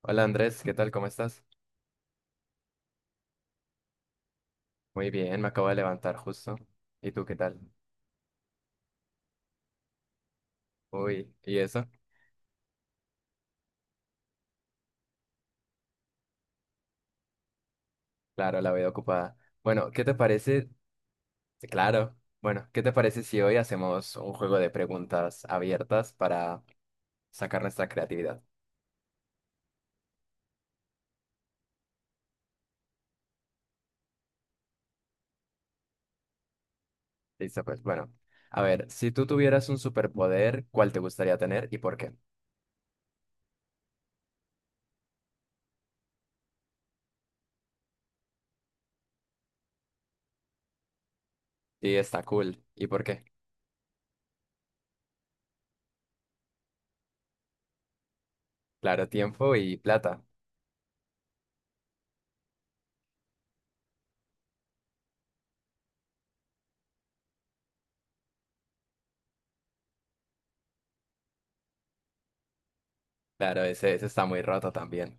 Hola Andrés, ¿qué tal? ¿Cómo estás? Muy bien, me acabo de levantar justo. ¿Y tú qué tal? Uy, ¿y eso? Claro, la veo ocupada. Bueno, ¿qué te parece? Sí, claro. Bueno, ¿qué te parece si hoy hacemos un juego de preguntas abiertas para sacar nuestra creatividad? Listo, pues bueno. A ver, si tú tuvieras un superpoder, ¿cuál te gustaría tener y por qué? Sí, está cool. ¿Y por qué? Claro, tiempo y plata. Claro, ese está muy roto también.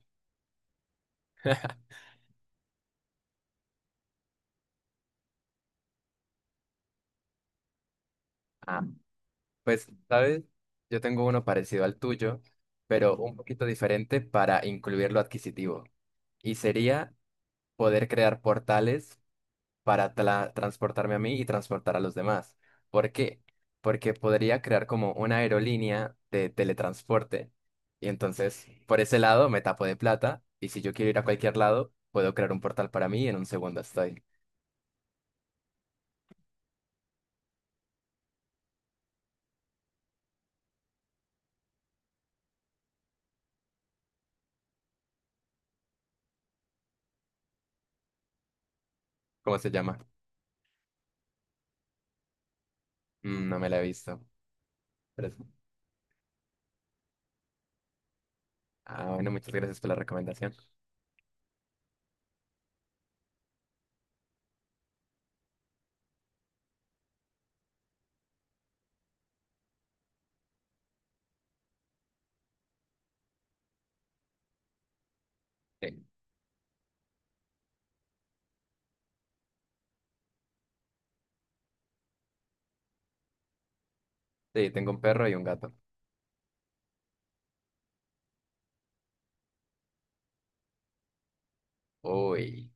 Ah. Pues, ¿sabes? Yo tengo uno parecido al tuyo, pero un poquito diferente para incluir lo adquisitivo. Y sería poder crear portales para transportarme a mí y transportar a los demás. ¿Por qué? Porque podría crear como una aerolínea de teletransporte. Y entonces, por ese lado, me tapo de plata. Y si yo quiero ir a cualquier lado, puedo crear un portal para mí y en un segundo estoy. ¿Cómo se llama? Mm, no me la he visto. Pero es- Ah, bueno, muchas gracias por la recomendación. Sí. Sí, tengo un perro y un gato. Uy.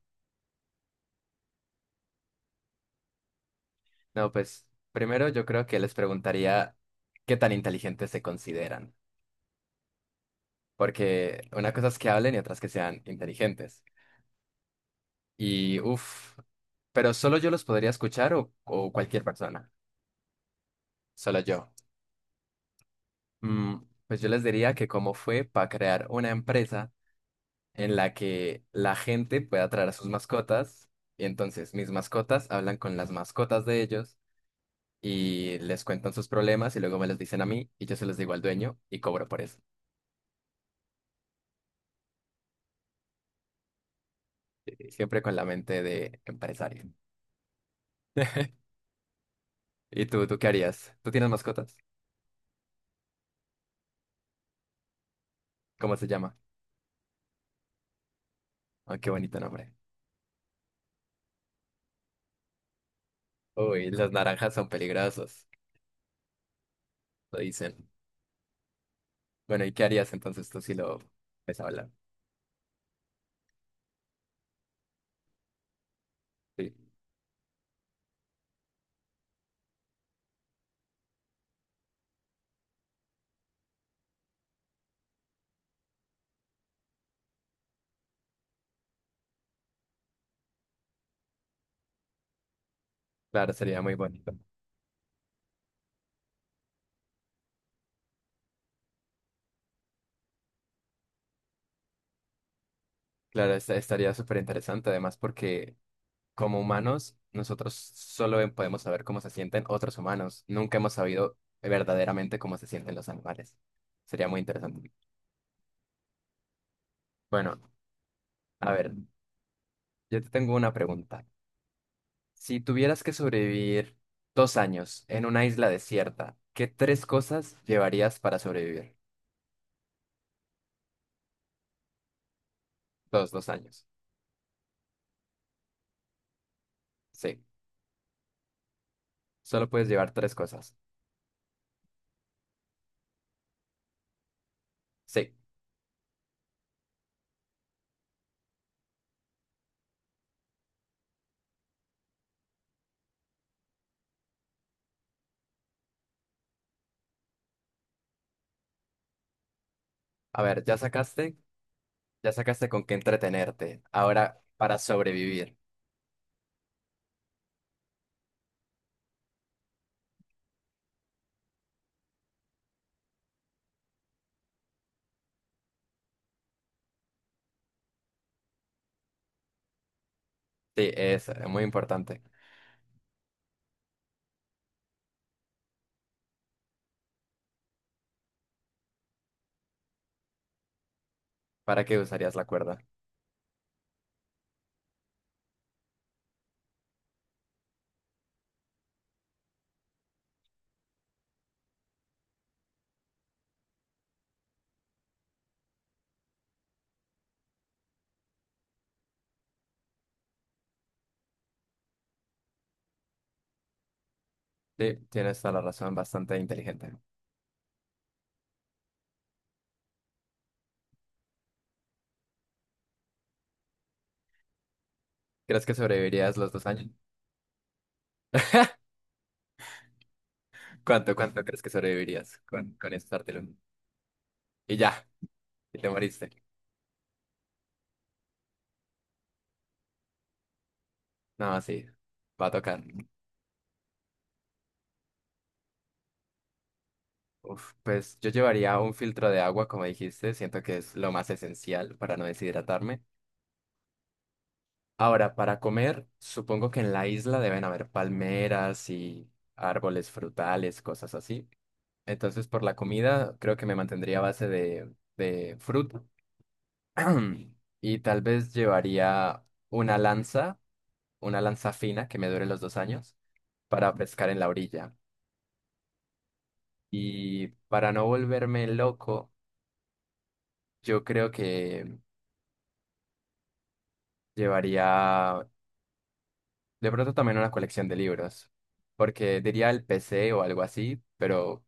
No, pues primero yo creo que les preguntaría qué tan inteligentes se consideran. Porque una cosa es que hablen y otras que sean inteligentes. Y uff, pero solo yo los podría escuchar o cualquier persona. Solo yo. Mm, pues yo les diría que cómo fue para crear una empresa en la que la gente pueda traer a sus mascotas. Y entonces mis mascotas hablan con las mascotas de ellos y les cuentan sus problemas y luego me los dicen a mí y yo se los digo al dueño y cobro por eso. Sí, siempre con la mente de empresario. ¿Y tú, qué harías? ¿Tú tienes mascotas? ¿Cómo se llama? Ah, qué bonito nombre. Uy, las naranjas son peligrosos, lo dicen. Bueno, ¿y qué harías entonces tú si lo ves hablar? Sí, claro, sería muy bonito. Claro, estaría súper interesante además porque como humanos, nosotros solo podemos saber cómo se sienten otros humanos. Nunca hemos sabido verdaderamente cómo se sienten los animales. Sería muy interesante. Bueno, a ver, yo te tengo una pregunta. Si tuvieras que sobrevivir dos años en una isla desierta, ¿qué tres cosas llevarías para sobrevivir? Dos años. Sí, solo puedes llevar tres cosas. Sí, a ver, ya sacaste con qué entretenerte. Ahora, para sobrevivir. Sí, es muy importante. ¿Para qué usarías la cuerda? Sí, tienes toda la razón, bastante inteligente. ¿Crees que sobrevivirías los dos años? ¿Cuánto crees que sobrevivirías con estártelo? Y ya, y te moriste. No, sí, va a tocar. Uf, pues yo llevaría un filtro de agua, como dijiste, siento que es lo más esencial para no deshidratarme. Ahora, para comer, supongo que en la isla deben haber palmeras y árboles frutales, cosas así. Entonces, por la comida, creo que me mantendría a base de fruta. Y tal vez llevaría una lanza, una lanza fina que me dure los dos años, para pescar en la orilla. Y para no volverme loco, yo creo que llevaría de pronto también una colección de libros, porque diría el PC o algo así, pero...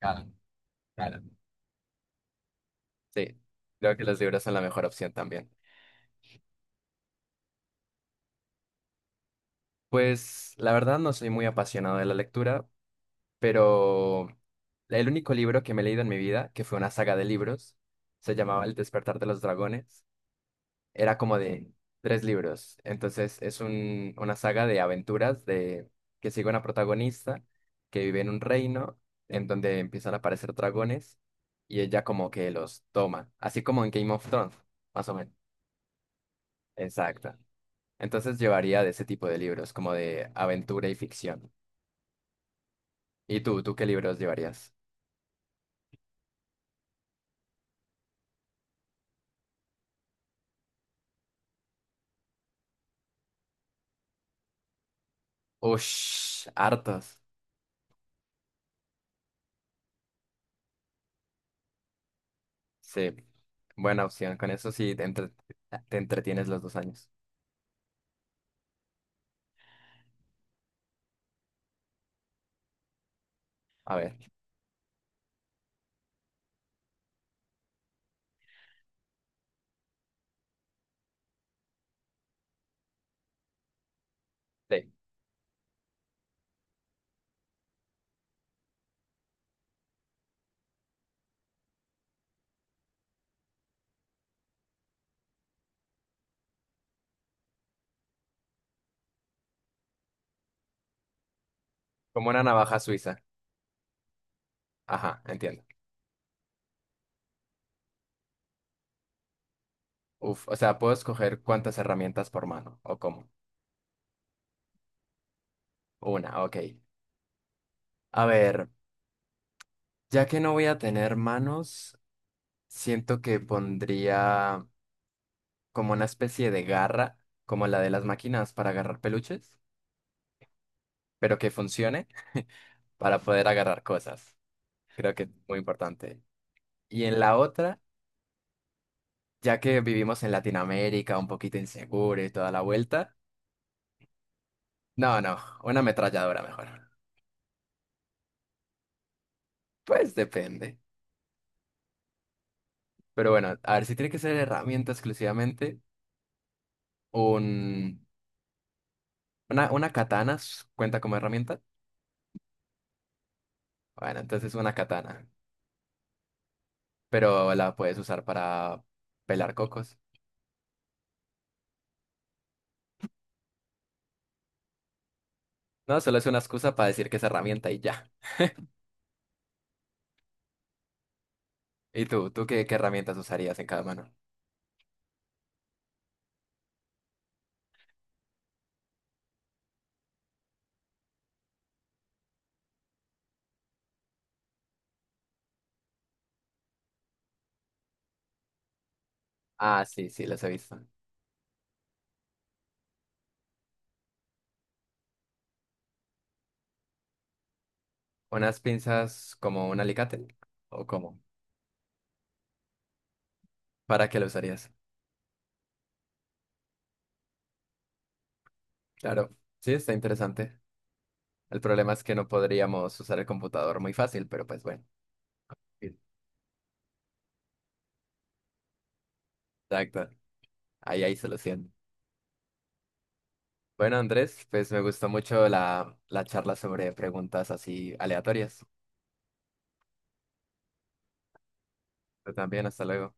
Claro, claro. Sí, creo que los libros son la mejor opción también. Pues la verdad no soy muy apasionado de la lectura, pero el único libro que me he leído en mi vida, que fue una saga de libros, se llamaba El despertar de los dragones, era como de tres libros, entonces es una saga de aventuras de que sigue una protagonista que vive en un reino en donde empiezan a aparecer dragones y ella como que los toma, así como en Game of Thrones, más o menos. Exacto. Entonces llevaría de ese tipo de libros, como de aventura y ficción. ¿Y tú, qué libros llevarías? Ush, hartos. Sí, buena opción. Con eso sí te entretienes los dos años. A ver, sí. Como una navaja suiza. Ajá, entiendo. Uf, o sea, puedo escoger cuántas herramientas por mano o cómo. Una, ok. A ver, ya que no voy a tener manos, siento que pondría como una especie de garra, como la de las máquinas para agarrar peluches, pero que funcione para poder agarrar cosas. Creo que es muy importante. Y en la otra... ya que vivimos en Latinoamérica, un poquito inseguro y toda la vuelta. No, no, una ametralladora mejor. Pues depende. Pero bueno, a ver si tiene que ser herramienta exclusivamente, un, una katana cuenta como herramienta. Bueno, entonces una katana, pero la puedes usar para pelar cocos. No, solo es una excusa para decir que es herramienta y ya. ¿Y tú? ¿Tú qué, herramientas usarías en cada mano? Ah, sí, sí, las he visto. ¿Unas pinzas como un alicate? ¿O cómo? ¿Para qué lo usarías? Claro, sí, está interesante. El problema es que no podríamos usar el computador muy fácil, pero pues bueno. Sí. Exacto. Ahí hay solución. Bueno, Andrés, pues me gustó mucho la charla sobre preguntas así aleatorias. Pero también, hasta luego.